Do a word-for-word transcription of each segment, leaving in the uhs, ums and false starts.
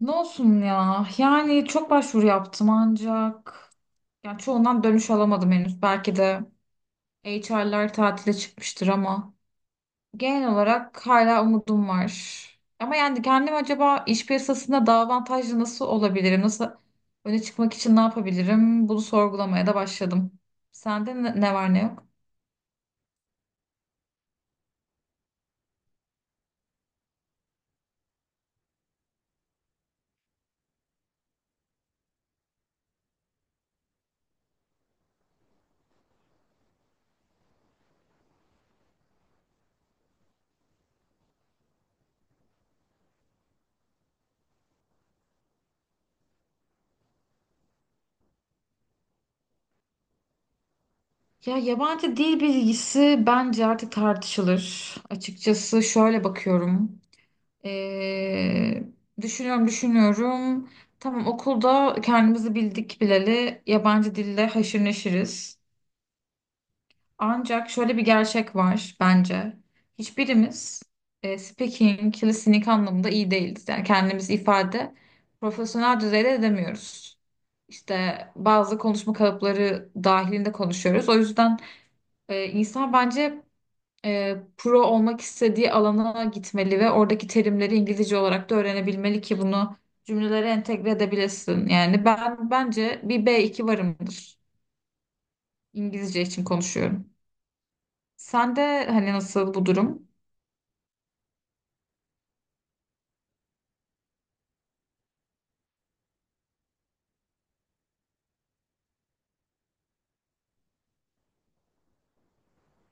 Ne olsun ya? Yani çok başvuru yaptım ancak yani çoğundan dönüş alamadım henüz. Belki de H R'lar tatile çıkmıştır ama genel olarak hala umudum var. Ama yani kendim acaba iş piyasasında daha avantajlı nasıl olabilirim? Nasıl öne çıkmak için ne yapabilirim? Bunu sorgulamaya da başladım. Sende ne ne var ne yok? Ya yabancı dil bilgisi bence artık tartışılır. Açıkçası şöyle bakıyorum. Ee, Düşünüyorum düşünüyorum. Tamam, okulda kendimizi bildik bileli yabancı dille haşır neşiriz. Ancak şöyle bir gerçek var bence. Hiçbirimiz e, speaking, listening anlamında iyi değiliz. Yani kendimizi ifade profesyonel düzeyde edemiyoruz. İşte bazı konuşma kalıpları dahilinde konuşuyoruz. O yüzden e, insan bence e, pro olmak istediği alana gitmeli ve oradaki terimleri İngilizce olarak da öğrenebilmeli ki bunu cümlelere entegre edebilesin. Yani ben bence bir b iki varımdır. İngilizce için konuşuyorum. Sen de hani nasıl bu durum?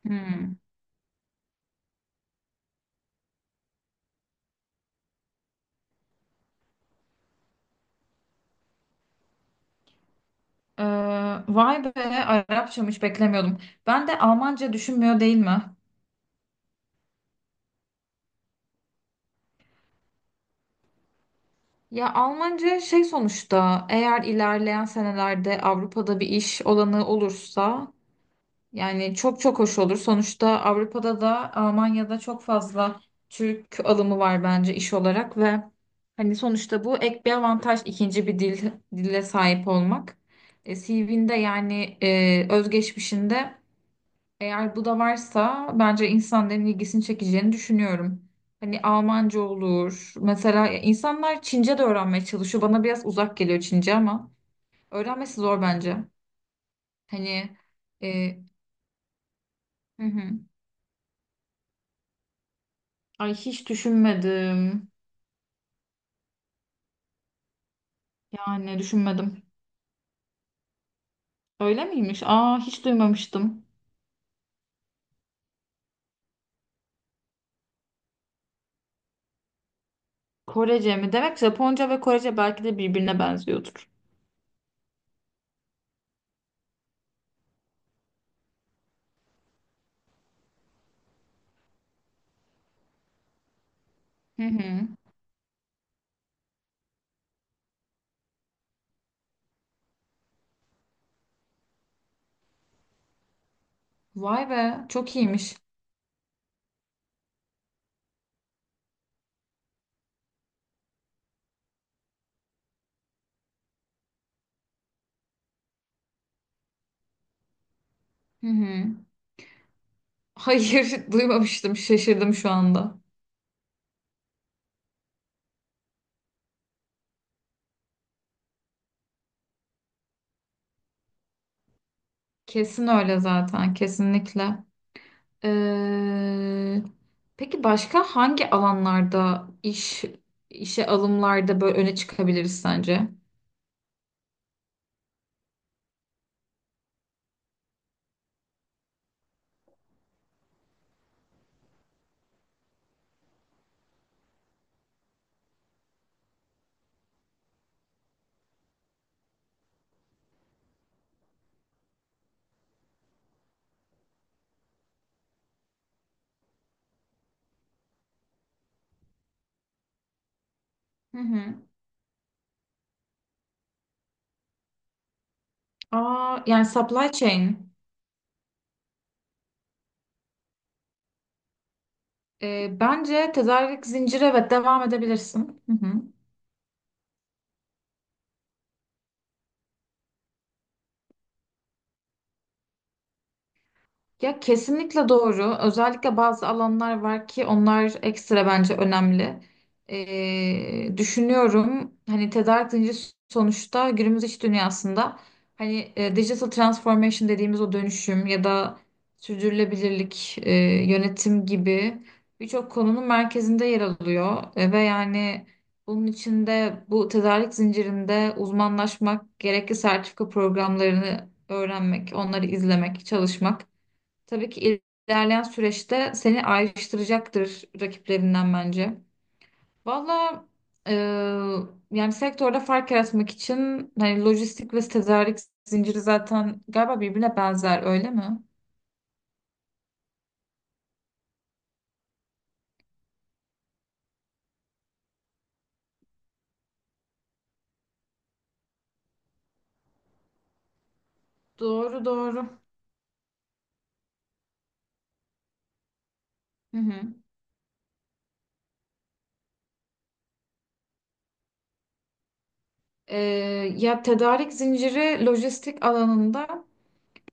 Hmm. Ee, Vay be, Arapçam hiç beklemiyordum. Ben de Almanca düşünmüyor değil mi? Ya Almanca şey, sonuçta eğer ilerleyen senelerde Avrupa'da bir iş olanı olursa. Yani çok çok hoş olur. Sonuçta Avrupa'da da Almanya'da çok fazla Türk alımı var bence iş olarak ve hani sonuçta bu ek bir avantaj, ikinci bir dil dille sahip olmak. E, C V'nde yani e, özgeçmişinde eğer bu da varsa bence insanların ilgisini çekeceğini düşünüyorum. Hani Almanca olur. Mesela insanlar Çince de öğrenmeye çalışıyor. Bana biraz uzak geliyor Çince ama öğrenmesi zor bence. Hani e, hı hı. Ay hiç düşünmedim. Yani düşünmedim. Öyle miymiş? Aa hiç duymamıştım. Korece mi? Demek Japonca ve Korece belki de birbirine benziyordur. Hı hı. Vay be, çok iyiymiş. Hı hı. Hayır, duymamıştım. Şaşırdım şu anda. Kesin öyle zaten, kesinlikle. Ee, peki başka hangi alanlarda iş işe alımlarda böyle öne çıkabiliriz sence? Hı hı. Aa, yani supply chain. Ee, bence tedarik zinciri, evet, devam edebilirsin. Hı hı. Ya kesinlikle doğru. Özellikle bazı alanlar var ki onlar ekstra bence önemli. Ee, düşünüyorum, hani tedarik zinciri sonuçta günümüz iş dünyasında, hani e, digital transformation dediğimiz o dönüşüm ya da sürdürülebilirlik, e, yönetim gibi birçok konunun merkezinde yer alıyor. E, ve yani bunun içinde bu tedarik zincirinde uzmanlaşmak, gerekli sertifika programlarını öğrenmek, onları izlemek, çalışmak. Tabii ki ilerleyen süreçte seni ayrıştıracaktır rakiplerinden bence. Valla e, yani sektörde fark yaratmak için hani lojistik ve tedarik zinciri zaten galiba birbirine benzer, öyle mi? Doğru doğru. Hı hı. E, Ya tedarik zinciri lojistik alanında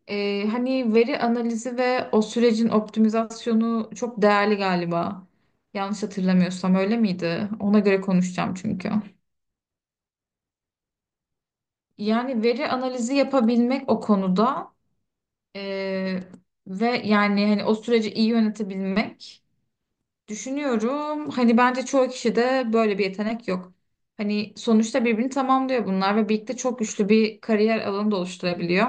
e, hani veri analizi ve o sürecin optimizasyonu çok değerli galiba. Yanlış hatırlamıyorsam öyle miydi? Ona göre konuşacağım çünkü. Yani veri analizi yapabilmek o konuda, eee, ve yani hani o süreci iyi yönetebilmek düşünüyorum. Hani bence çoğu kişide böyle bir yetenek yok. Hani sonuçta birbirini tamamlıyor bunlar ve birlikte çok güçlü bir kariyer alanı da oluşturabiliyor.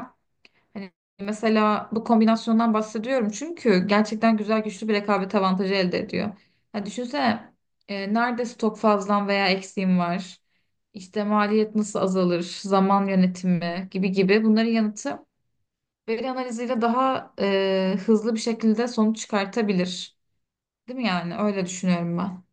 Hani mesela bu kombinasyondan bahsediyorum çünkü gerçekten güzel, güçlü bir rekabet avantajı elde ediyor. Ya düşünsene, e, nerede stok fazlan veya eksiğin var? İşte maliyet nasıl azalır? Zaman yönetimi gibi gibi, bunların yanıtı veri analiziyle daha e, hızlı bir şekilde sonuç çıkartabilir. Değil mi yani? Öyle düşünüyorum ben.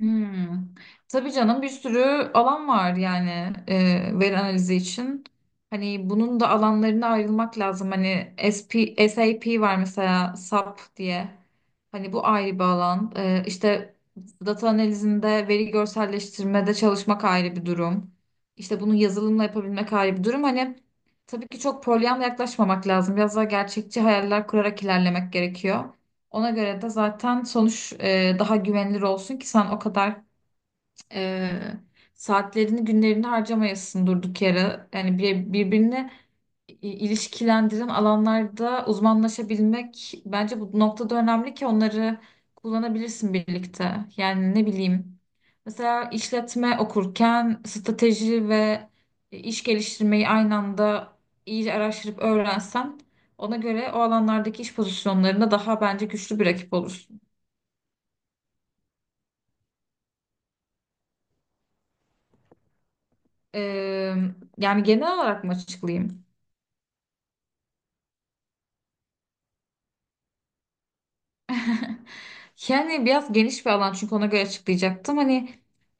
Hmm. Tabii canım, bir sürü alan var yani e, veri analizi için. Hani bunun da alanlarına ayrılmak lazım. Hani S SP, S A P var mesela, S A P diye. Hani bu ayrı bir alan. E, işte data analizinde, veri görselleştirmede çalışmak ayrı bir durum. İşte bunu yazılımla yapabilmek ayrı bir durum. Hani tabii ki çok polyanla yaklaşmamak lazım. Biraz daha gerçekçi hayaller kurarak ilerlemek gerekiyor. Ona göre de zaten sonuç e, daha güvenilir olsun ki sen o kadar e, saatlerini, günlerini harcamayasın durduk yere. Yani bir, birbirine i- ilişkilendiren alanlarda uzmanlaşabilmek bence bu noktada önemli ki onları kullanabilirsin birlikte. Yani ne bileyim, mesela işletme okurken strateji ve iş geliştirmeyi aynı anda iyice araştırıp öğrensen, ona göre o alanlardaki iş pozisyonlarında daha bence güçlü bir rakip olursun. Eee, Yani genel olarak mı açıklayayım? Yani biraz geniş bir alan, çünkü ona göre açıklayacaktım. Hani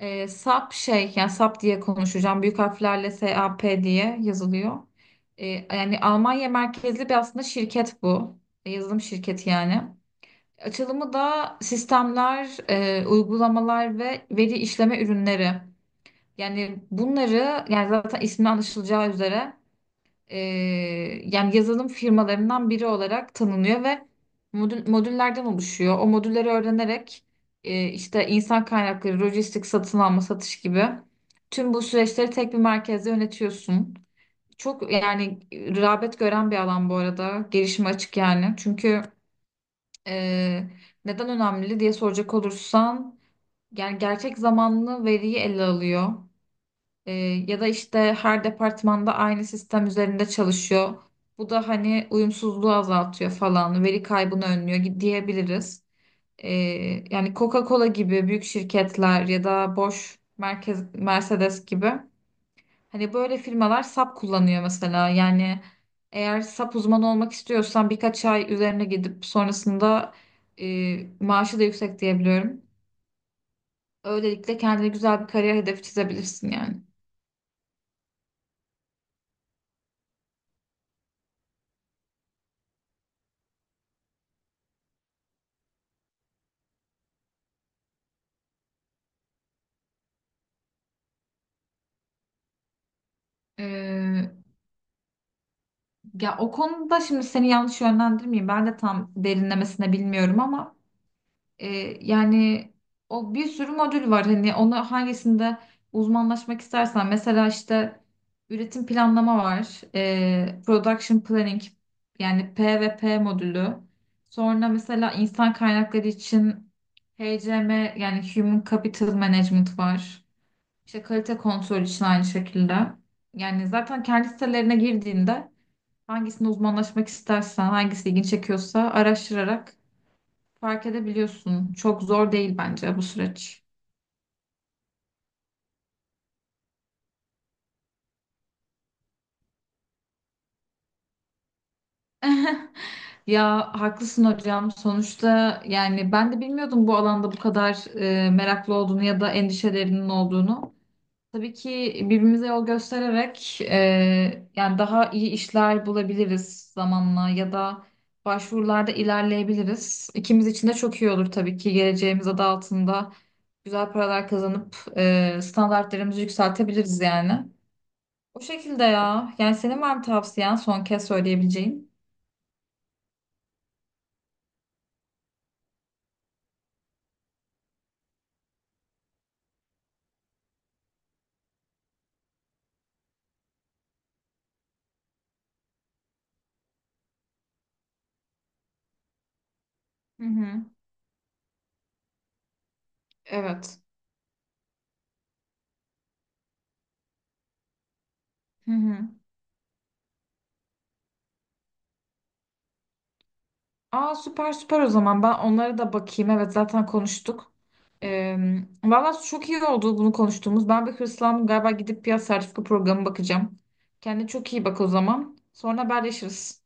eee S A P şey, yani S A P diye konuşacağım. Büyük harflerle S A P diye yazılıyor. Eee, yani Almanya merkezli bir aslında şirket bu. E, Yazılım şirketi yani. Açılımı da sistemler, eee, uygulamalar ve veri işleme ürünleri. Yani bunları, yani zaten ismi anlaşılacağı üzere, e, yani yazılım firmalarından biri olarak tanınıyor ve modül, modüllerden oluşuyor. O modülleri öğrenerek e, işte insan kaynakları, lojistik, satın alma, satış gibi tüm bu süreçleri tek bir merkezde yönetiyorsun. Çok yani rağbet gören bir alan bu arada. Gelişime açık yani. Çünkü e, neden önemli diye soracak olursan, yani gerçek zamanlı veriyi ele alıyor. Ee, Ya da işte her departmanda aynı sistem üzerinde çalışıyor. Bu da hani uyumsuzluğu azaltıyor falan, veri kaybını önlüyor gi- diyebiliriz. Ee, Yani Coca-Cola gibi büyük şirketler ya da Bosch, Merkez, Mercedes gibi, hani böyle firmalar S A P kullanıyor mesela. Yani eğer S A P uzmanı olmak istiyorsan birkaç ay üzerine gidip sonrasında, e, maaşı da yüksek diyebiliyorum. Öylelikle kendine güzel bir kariyer hedefi çizebilirsin yani. Ee, Ya o konuda şimdi seni yanlış yönlendirmeyeyim. Ben de tam derinlemesine bilmiyorum ama E, yani o, bir sürü modül var hani, ona hangisinde uzmanlaşmak istersen. Mesela işte üretim planlama var, E, production planning yani, P V P modülü. Sonra mesela insan kaynakları için H C M yani Human Capital Management var, işte kalite kontrol için aynı şekilde. Yani zaten kendi sitelerine girdiğinde hangisine uzmanlaşmak istersen, hangisi ilgini çekiyorsa araştırarak fark edebiliyorsun. Çok zor değil bence bu süreç. Ya haklısın hocam. Sonuçta yani ben de bilmiyordum bu alanda bu kadar e, meraklı olduğunu ya da endişelerinin olduğunu. Tabii ki birbirimize yol göstererek, e, yani daha iyi işler bulabiliriz zamanla ya da başvurularda ilerleyebiliriz. İkimiz için de çok iyi olur tabii ki, geleceğimiz adı altında güzel paralar kazanıp e, standartlarımızı yükseltebiliriz yani. O şekilde ya. Yani senin var mı tavsiyen son kez söyleyebileceğin? Hı hı. Evet. Hı hı. Aa, süper süper o zaman. Ben onlara da bakayım. Evet, zaten konuştuk. Ee, Valla çok iyi oldu bunu konuştuğumuz. Ben bir hırslandım galiba, gidip bir sertifika programı bakacağım. Kendine çok iyi bak o zaman. Sonra haberleşiriz.